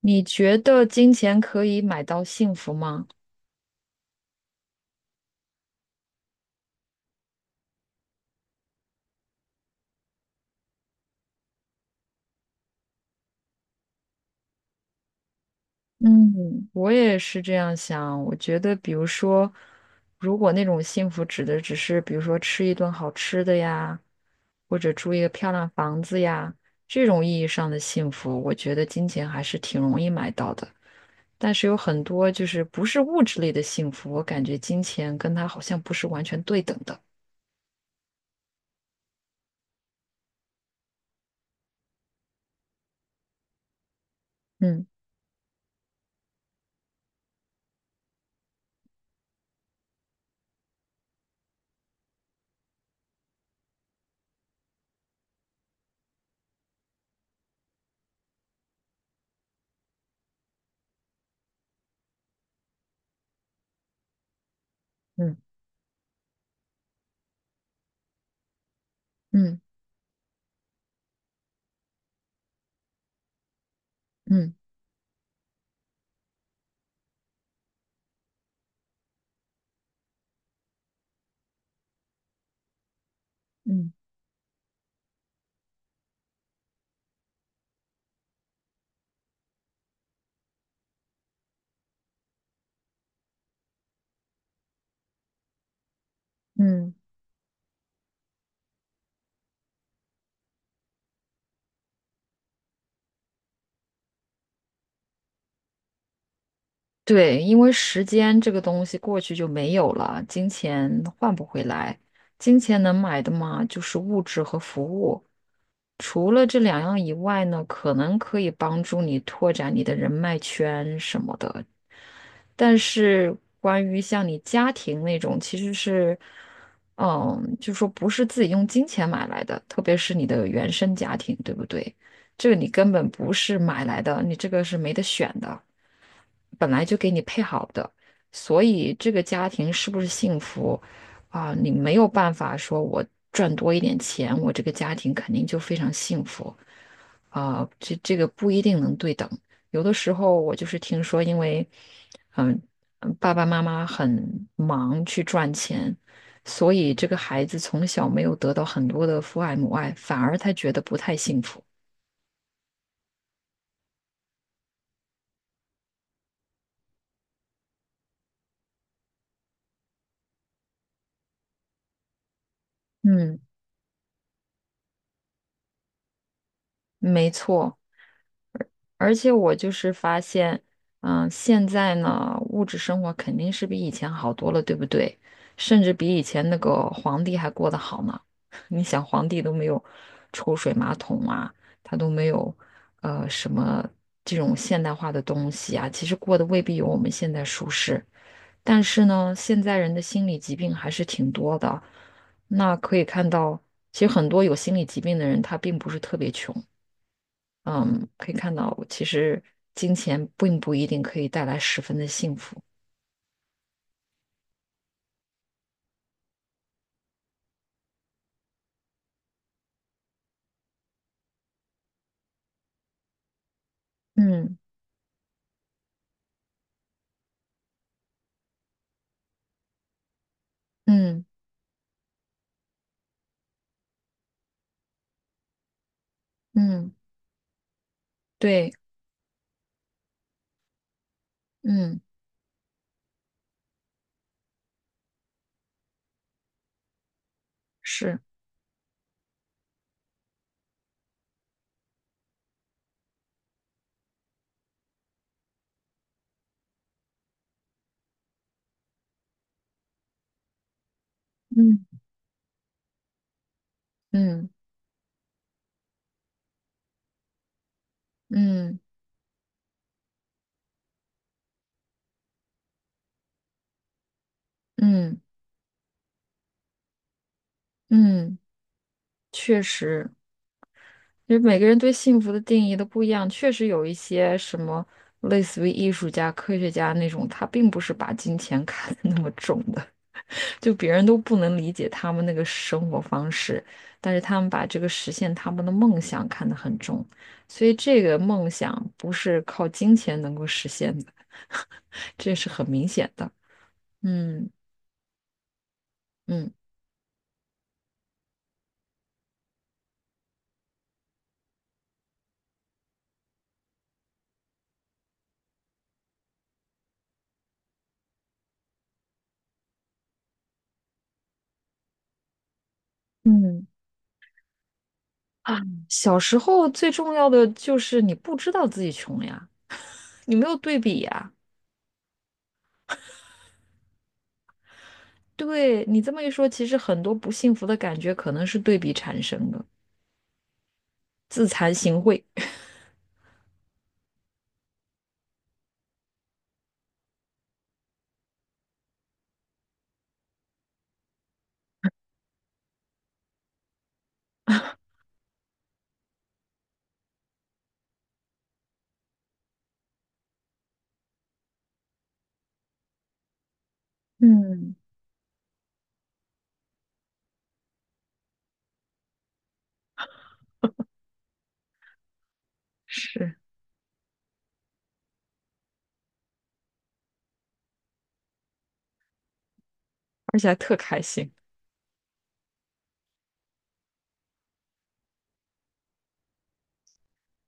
你觉得金钱可以买到幸福吗？嗯，我也是这样想。我觉得，比如说，如果那种幸福指的只是，比如说吃一顿好吃的呀，或者住一个漂亮房子呀，这种意义上的幸福，我觉得金钱还是挺容易买到的。但是有很多就是不是物质类的幸福，我感觉金钱跟它好像不是完全对等的。嗯嗯嗯嗯嗯嗯。对，因为时间这个东西过去就没有了，金钱换不回来。金钱能买的嘛，就是物质和服务。除了这两样以外呢，可能可以帮助你拓展你的人脉圈什么的。但是关于像你家庭那种，其实是，嗯，就说不是自己用金钱买来的，特别是你的原生家庭，对不对？这个你根本不是买来的，你这个是没得选的。本来就给你配好的，所以这个家庭是不是幸福啊，你没有办法说我赚多一点钱，我这个家庭肯定就非常幸福啊，这个不一定能对等。有的时候我就是听说，因为嗯嗯爸爸妈妈很忙去赚钱，所以这个孩子从小没有得到很多的父爱母爱，反而他觉得不太幸福。嗯，没错。而且我就是发现，嗯，现在呢，物质生活肯定是比以前好多了，对不对？甚至比以前那个皇帝还过得好呢。你想，皇帝都没有抽水马桶啊，他都没有什么这种现代化的东西啊，其实过得未必有我们现在舒适。但是呢，现在人的心理疾病还是挺多的。那可以看到，其实很多有心理疾病的人，他并不是特别穷。嗯，可以看到，其实金钱并不一定可以带来十分的幸福。嗯嗯嗯，对，嗯是，嗯嗯嗯嗯嗯，确实，因为每个人对幸福的定义都不一样，确实有一些什么类似于艺术家、科学家那种，他并不是把金钱 看得那么重的。就别人都不能理解他们那个生活方式，但是他们把这个实现他们的梦想看得很重，所以这个梦想不是靠金钱能够实现的，这是很明显的。嗯嗯嗯啊，小时候最重要的就是你不知道自己穷呀，你没有对比呀。对，你这么一说，其实很多不幸福的感觉可能是对比产生的，自惭形秽。嗯，是，而且还特开心。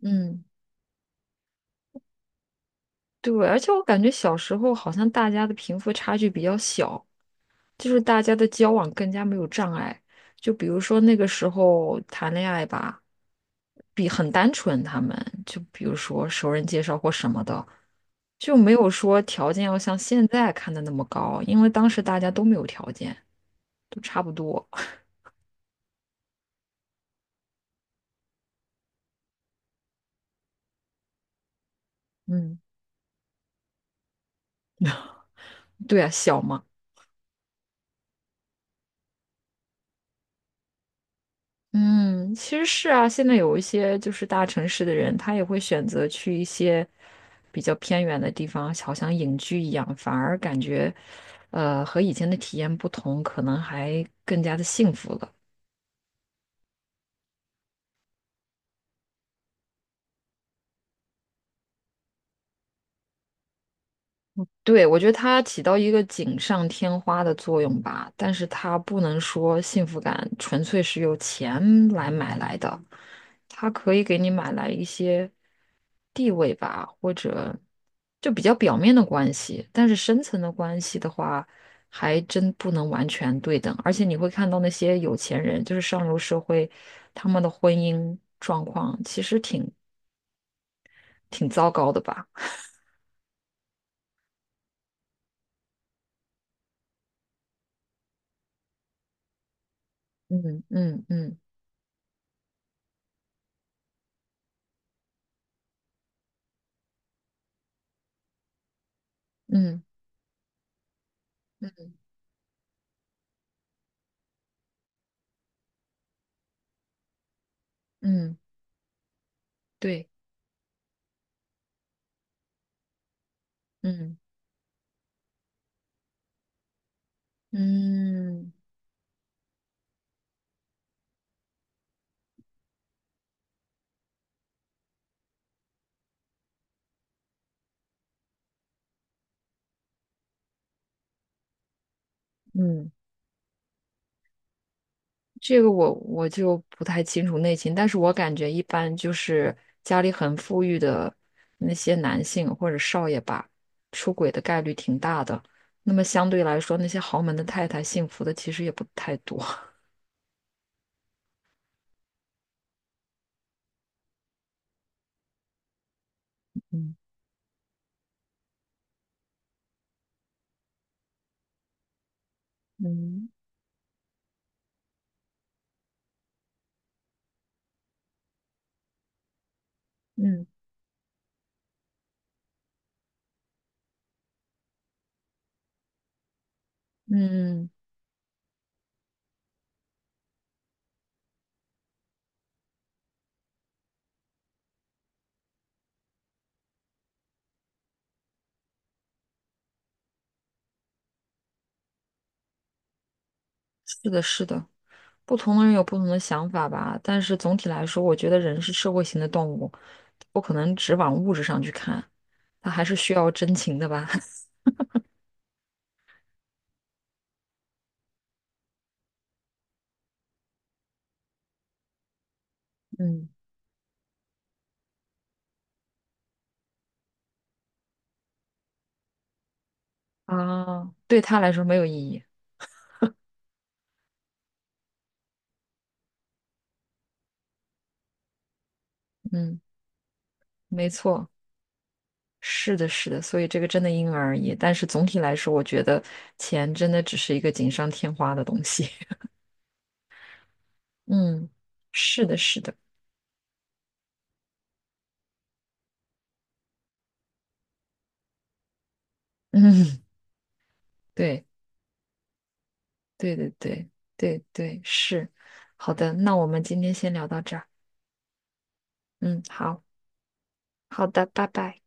嗯，对，而且我感觉小时候好像大家的贫富差距比较小，就是大家的交往更加没有障碍。就比如说那个时候谈恋爱吧，比很单纯，他们就比如说熟人介绍或什么的，就没有说条件要像现在看的那么高，因为当时大家都没有条件，都差不多。嗯，对啊，小嘛。嗯，其实是啊，现在有一些就是大城市的人，他也会选择去一些比较偏远的地方，好像隐居一样，反而感觉，和以前的体验不同，可能还更加的幸福了。对，我觉得它起到一个锦上添花的作用吧，但是它不能说幸福感纯粹是由钱来买来的，它可以给你买来一些。地位吧，或者就比较表面的关系，但是深层的关系的话，还真不能完全对等。而且你会看到那些有钱人，就是上流社会，他们的婚姻状况其实挺糟糕的吧？嗯嗯嗯嗯嗯嗯，对，嗯嗯嗯。这个我就不太清楚内情，但是我感觉一般就是家里很富裕的那些男性或者少爷吧，出轨的概率挺大的。那么相对来说，那些豪门的太太幸福的其实也不太多。嗯嗯嗯嗯，是的，是的，不同的人有不同的想法吧，但是总体来说，我觉得人是社会型的动物，不可能只往物质上去看，他还是需要真情的吧。嗯啊，对他来说没有意义。嗯，没错，是的，是的，所以这个真的因人而异。但是总体来说，我觉得钱真的只是一个锦上添花的东西。嗯，是的，是的，嗯，对，对对对对对，是。好的，那我们今天先聊到这儿。嗯，好，好的，拜拜。